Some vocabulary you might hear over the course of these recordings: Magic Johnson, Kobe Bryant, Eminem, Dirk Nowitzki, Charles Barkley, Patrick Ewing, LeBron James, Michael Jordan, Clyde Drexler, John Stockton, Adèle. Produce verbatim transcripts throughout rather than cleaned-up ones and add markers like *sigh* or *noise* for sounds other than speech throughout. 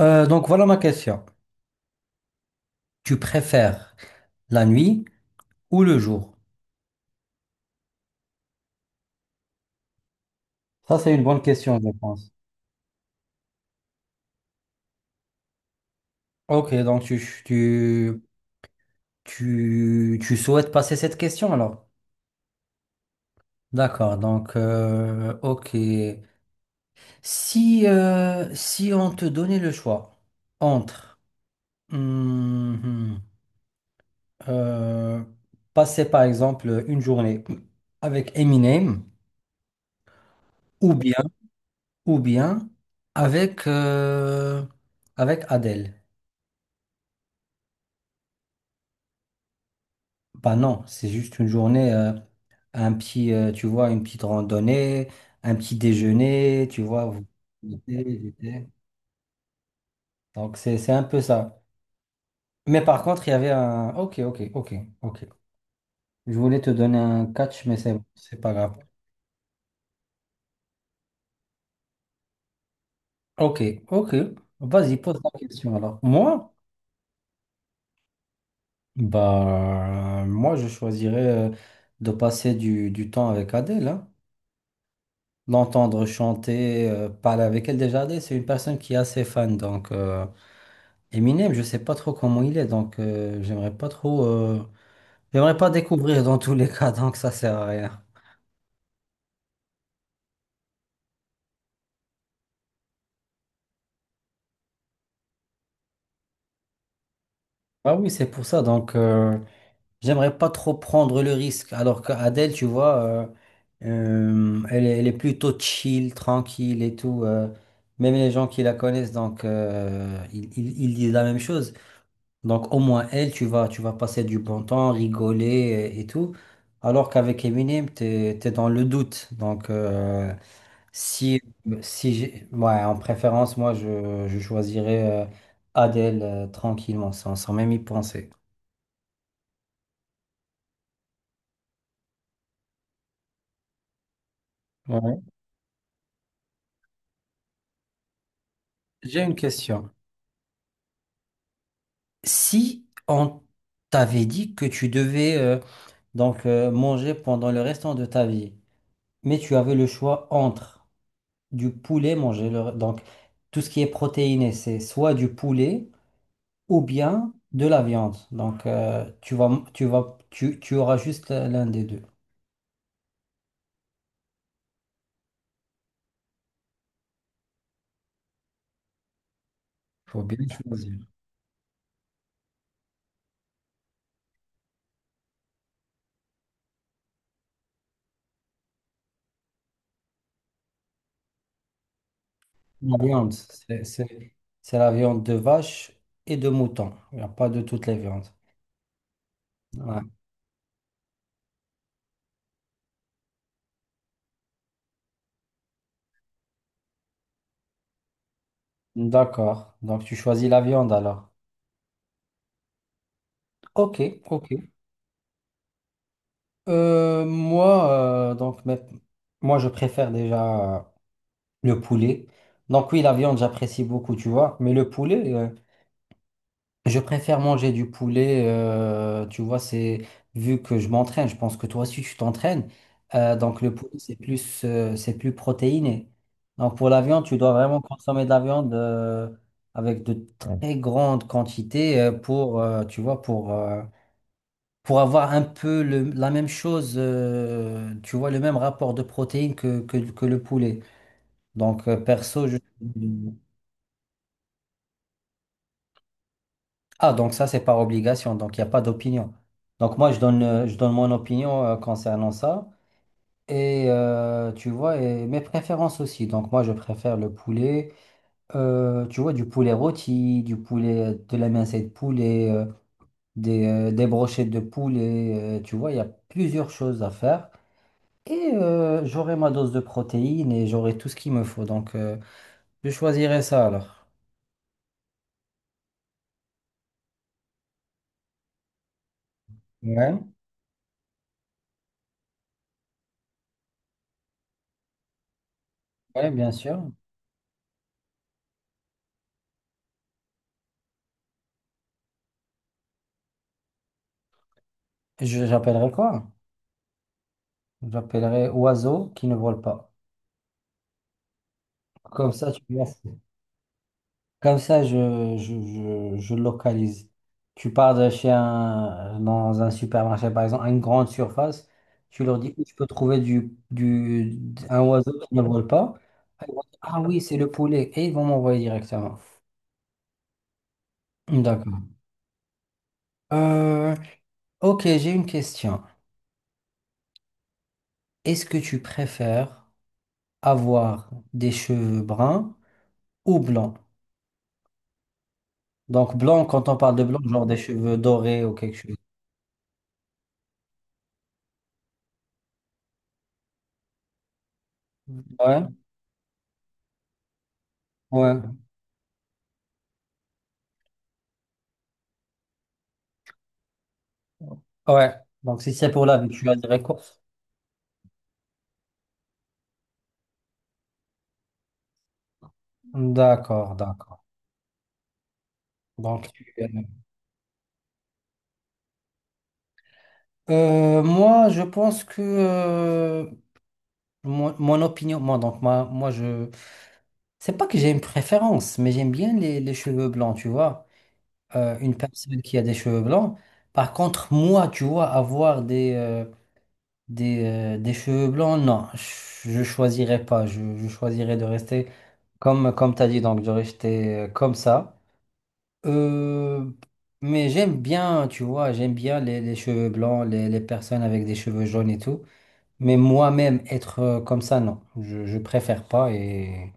Euh, donc voilà ma question. Tu préfères la nuit ou le jour? Ça, c'est une bonne question, je pense. Ok, donc tu, tu, tu, tu souhaites passer cette question alors? D'accord, donc euh, ok. Si, euh, si on te donnait le choix entre hum, euh, passer par exemple une journée avec Eminem ou bien, ou bien avec, euh, avec Adele. Bah non, c'est juste une journée, euh, un petit, euh, tu vois, une petite randonnée, un petit déjeuner, tu vois. Vous- goûter, goûter. Donc c'est c'est un peu ça. Mais par contre, il y avait un... Ok, ok, ok, ok. Je voulais te donner un catch, mais c'est bon, c'est pas grave. Ok, ok. Vas-y, pose la question alors. Moi? Bah, moi, je choisirais euh, de passer du, du temps avec Adèle, hein. L'entendre chanter, euh, parler avec elle. Déjà, Adèle, c'est une personne qui est assez fan, donc... euh, Eminem, je sais pas trop comment il est, donc euh, j'aimerais pas trop, euh, j'aimerais pas découvrir dans tous les cas, *laughs* donc ça sert à rien. Ah oui, c'est pour ça, donc euh, j'aimerais pas trop prendre le risque. Alors qu'Adèle, tu vois, euh, euh, elle est, elle est plutôt chill, tranquille et tout. euh, même les gens qui la connaissent, donc euh, ils, ils- ils disent la même chose. Donc au moins elle, tu vas, tu vas passer du bon temps, rigoler et, et tout. Alors qu'avec Eminem, t'es, t'es dans le doute, donc. euh, Si, si j'ai- ouais, en préférence, moi, je, je choisirais euh, Adèle euh, tranquillement, sans, sans même y penser. Ouais. J'ai une question. Si on t'avait dit que tu devais euh, donc euh, manger pendant le restant de ta vie, mais tu avais le choix entre du poulet manger, le- donc tout ce qui est protéiné, c'est soit du poulet ou bien de la viande. Donc euh, tu vas, tu vas, tu, tu auras juste euh, l'un des deux. Faut bien choisir. La viande, c'est c'est- c'est la viande de vache et de mouton. Il n'y a pas de toutes les viandes. Ouais. D'accord. Donc, tu choisis la viande alors. Ok, ok. Euh, moi, euh, donc, mais- moi, je préfère déjà euh, le poulet. Donc, oui, la viande, j'apprécie beaucoup, tu vois. Mais le poulet, euh, je préfère manger du poulet, euh, tu vois, c'est vu que je m'entraîne, je pense que toi aussi tu t'entraînes. Euh, donc le poulet, c'est plus, euh, c'est plus protéiné. Donc pour la viande, tu dois vraiment consommer de la viande euh, avec de Ouais. très grandes quantités euh, pour, euh, tu vois, pour, euh, pour avoir un peu le- la même chose, euh, tu vois, le même rapport de protéines que, que, que le poulet. Donc euh, perso, je... Ah, donc ça, c'est par obligation, donc il n'y a pas d'opinion. Donc moi, je donne, euh, je donne mon opinion euh, concernant ça. Et euh, tu vois, et mes préférences aussi. Donc moi, je préfère le poulet, euh, tu vois, du poulet rôti, du poulet, de la mincée de poulet, euh, des, euh, des brochettes de poulet. euh, tu vois, il y a plusieurs choses à faire. Et euh, j'aurai ma dose de protéines et j'aurai tout ce qu'il me faut. Donc euh, je choisirai ça alors. Ouais, ouais, bien sûr. Je- J'appellerai quoi? J'appellerai oiseau qui ne vole pas. Comme ça, tu vois, c'est- Comme ça, je, je, je, je localise. Tu pars de chez un, dans un supermarché, par exemple, à une grande surface, tu leur dis, je peux trouver du, du, un oiseau qui ne vole pas. Ils vont dire, ah oui, c'est le poulet. Et ils vont m'envoyer directement. D'accord. Euh, ok, j'ai une question. Est-ce que tu préfères avoir des cheveux bruns ou blancs? Donc blanc quand on parle de blanc genre des cheveux dorés ou quelque chose. Ouais, ouais, ouais. Donc si c'est pour la vie, tu as des courses. D'accord, d'accord. Donc tu- euh, moi, je pense que euh, mon, mon opinion, moi, donc moi moi, je, c'est pas que j'ai une préférence, mais j'aime bien les, les cheveux blancs, tu vois. Euh, une personne qui a des cheveux blancs. Par contre, moi, tu vois, avoir des, euh, des, euh, des cheveux blancs, non, je je choisirais pas. Je, je choisirais de rester comme, comme tu as dit, donc de rester euh, comme ça. Euh, mais j'aime bien, tu vois, j'aime bien les, les cheveux blancs, les, les personnes avec des cheveux jaunes et tout. Mais moi-même, être euh, comme ça, non, je, je préfère pas et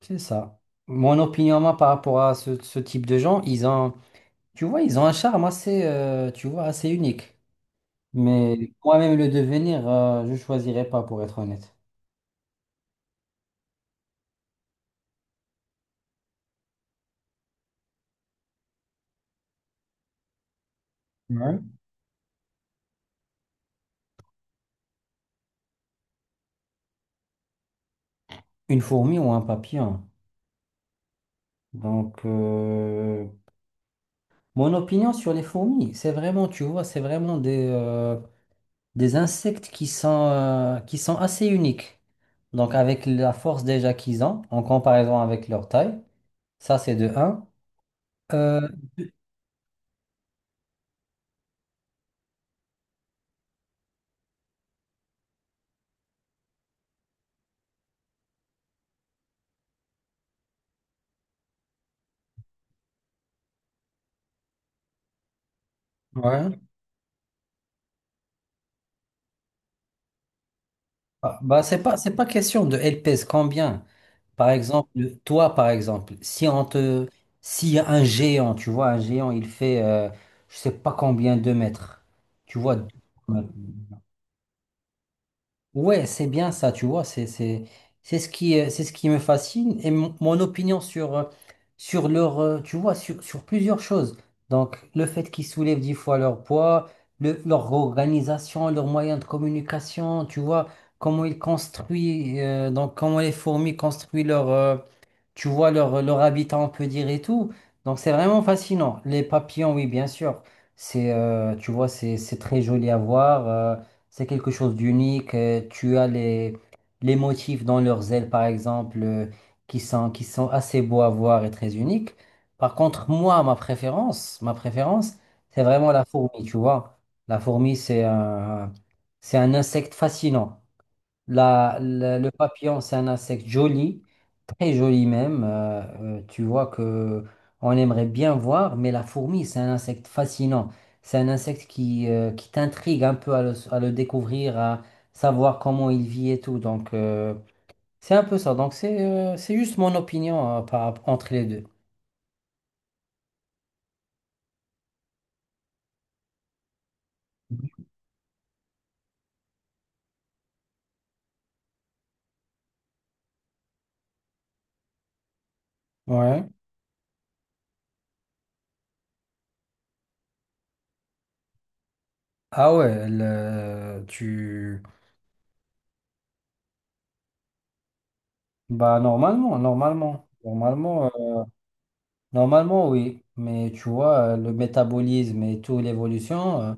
c'est ça. Mon opinion, moi, par rapport à ce, ce type de gens, ils ont, tu vois, ils ont un charme assez, euh, tu vois, assez unique. Mais moi-même le devenir, euh, je choisirais pas pour être honnête. Ouais. Une fourmi ou un papillon. Donc, euh, mon opinion sur les fourmis, c'est vraiment, tu vois, c'est vraiment des, euh, des insectes qui sont, euh, qui sont assez uniques. Donc, avec la force déjà qu'ils ont, en comparaison avec leur taille, ça c'est de un. Euh, Ouais. bah, bah, c'est pas, c'est pas question de elles pèsent combien. Par exemple, toi, par exemple, si on te, si un géant, tu vois, un géant, il fait, euh, je sais pas combien de mètres, tu vois. deux mètres. Ouais, c'est bien ça, tu vois, c'est, c'est, c'est ce qui, euh, c'est ce qui me fascine et mon mon opinion sur, euh, sur leur, euh, tu vois, sur, sur plusieurs choses. Donc, le fait qu'ils soulèvent dix fois leur poids, le- leur organisation, leurs moyens de communication, tu vois, comment ils construisent, euh, donc comment les fourmis construisent leur euh, tu vois leur, leur habitat, on peut dire, et tout. Donc c'est vraiment fascinant. Les papillons, oui, bien sûr. C'est, euh, tu vois, c'est, c'est très joli à voir. euh, c'est quelque chose d'unique. euh, tu as les, les motifs dans leurs ailes, par exemple, euh, qui sont, qui sont assez beaux à voir et très uniques. Par contre, moi, ma préférence, ma préférence, c'est vraiment la fourmi, tu vois. La fourmi, c'est un, c'est un insecte fascinant. La- le le papillon, c'est un insecte joli, très joli même. euh, euh, tu vois que on aimerait bien voir, mais la fourmi, c'est un insecte fascinant. C'est un insecte qui, euh, qui t'intrigue un peu à le, à le découvrir, à savoir comment il vit et tout. Donc, euh, c'est un peu ça. Donc, c'est euh, c'est juste mon opinion euh, par, entre les deux. Ouais. Ah ouais, le- tu... Bah, normalement, normalement. Normalement. euh, Normalement, oui, mais tu vois, euh, le métabolisme et toute l'évolution, euh,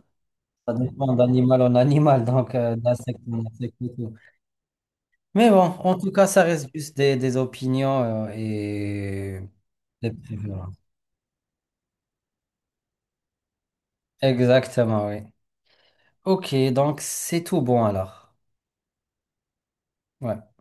ça dépend d'animal en animal, *laughs* donc euh, d'insecte en insecte et tout. Mais bon, en tout cas, ça reste juste des, des opinions euh, et des préférences. Exactement, oui. Ok, donc c'est tout bon alors. Ouais.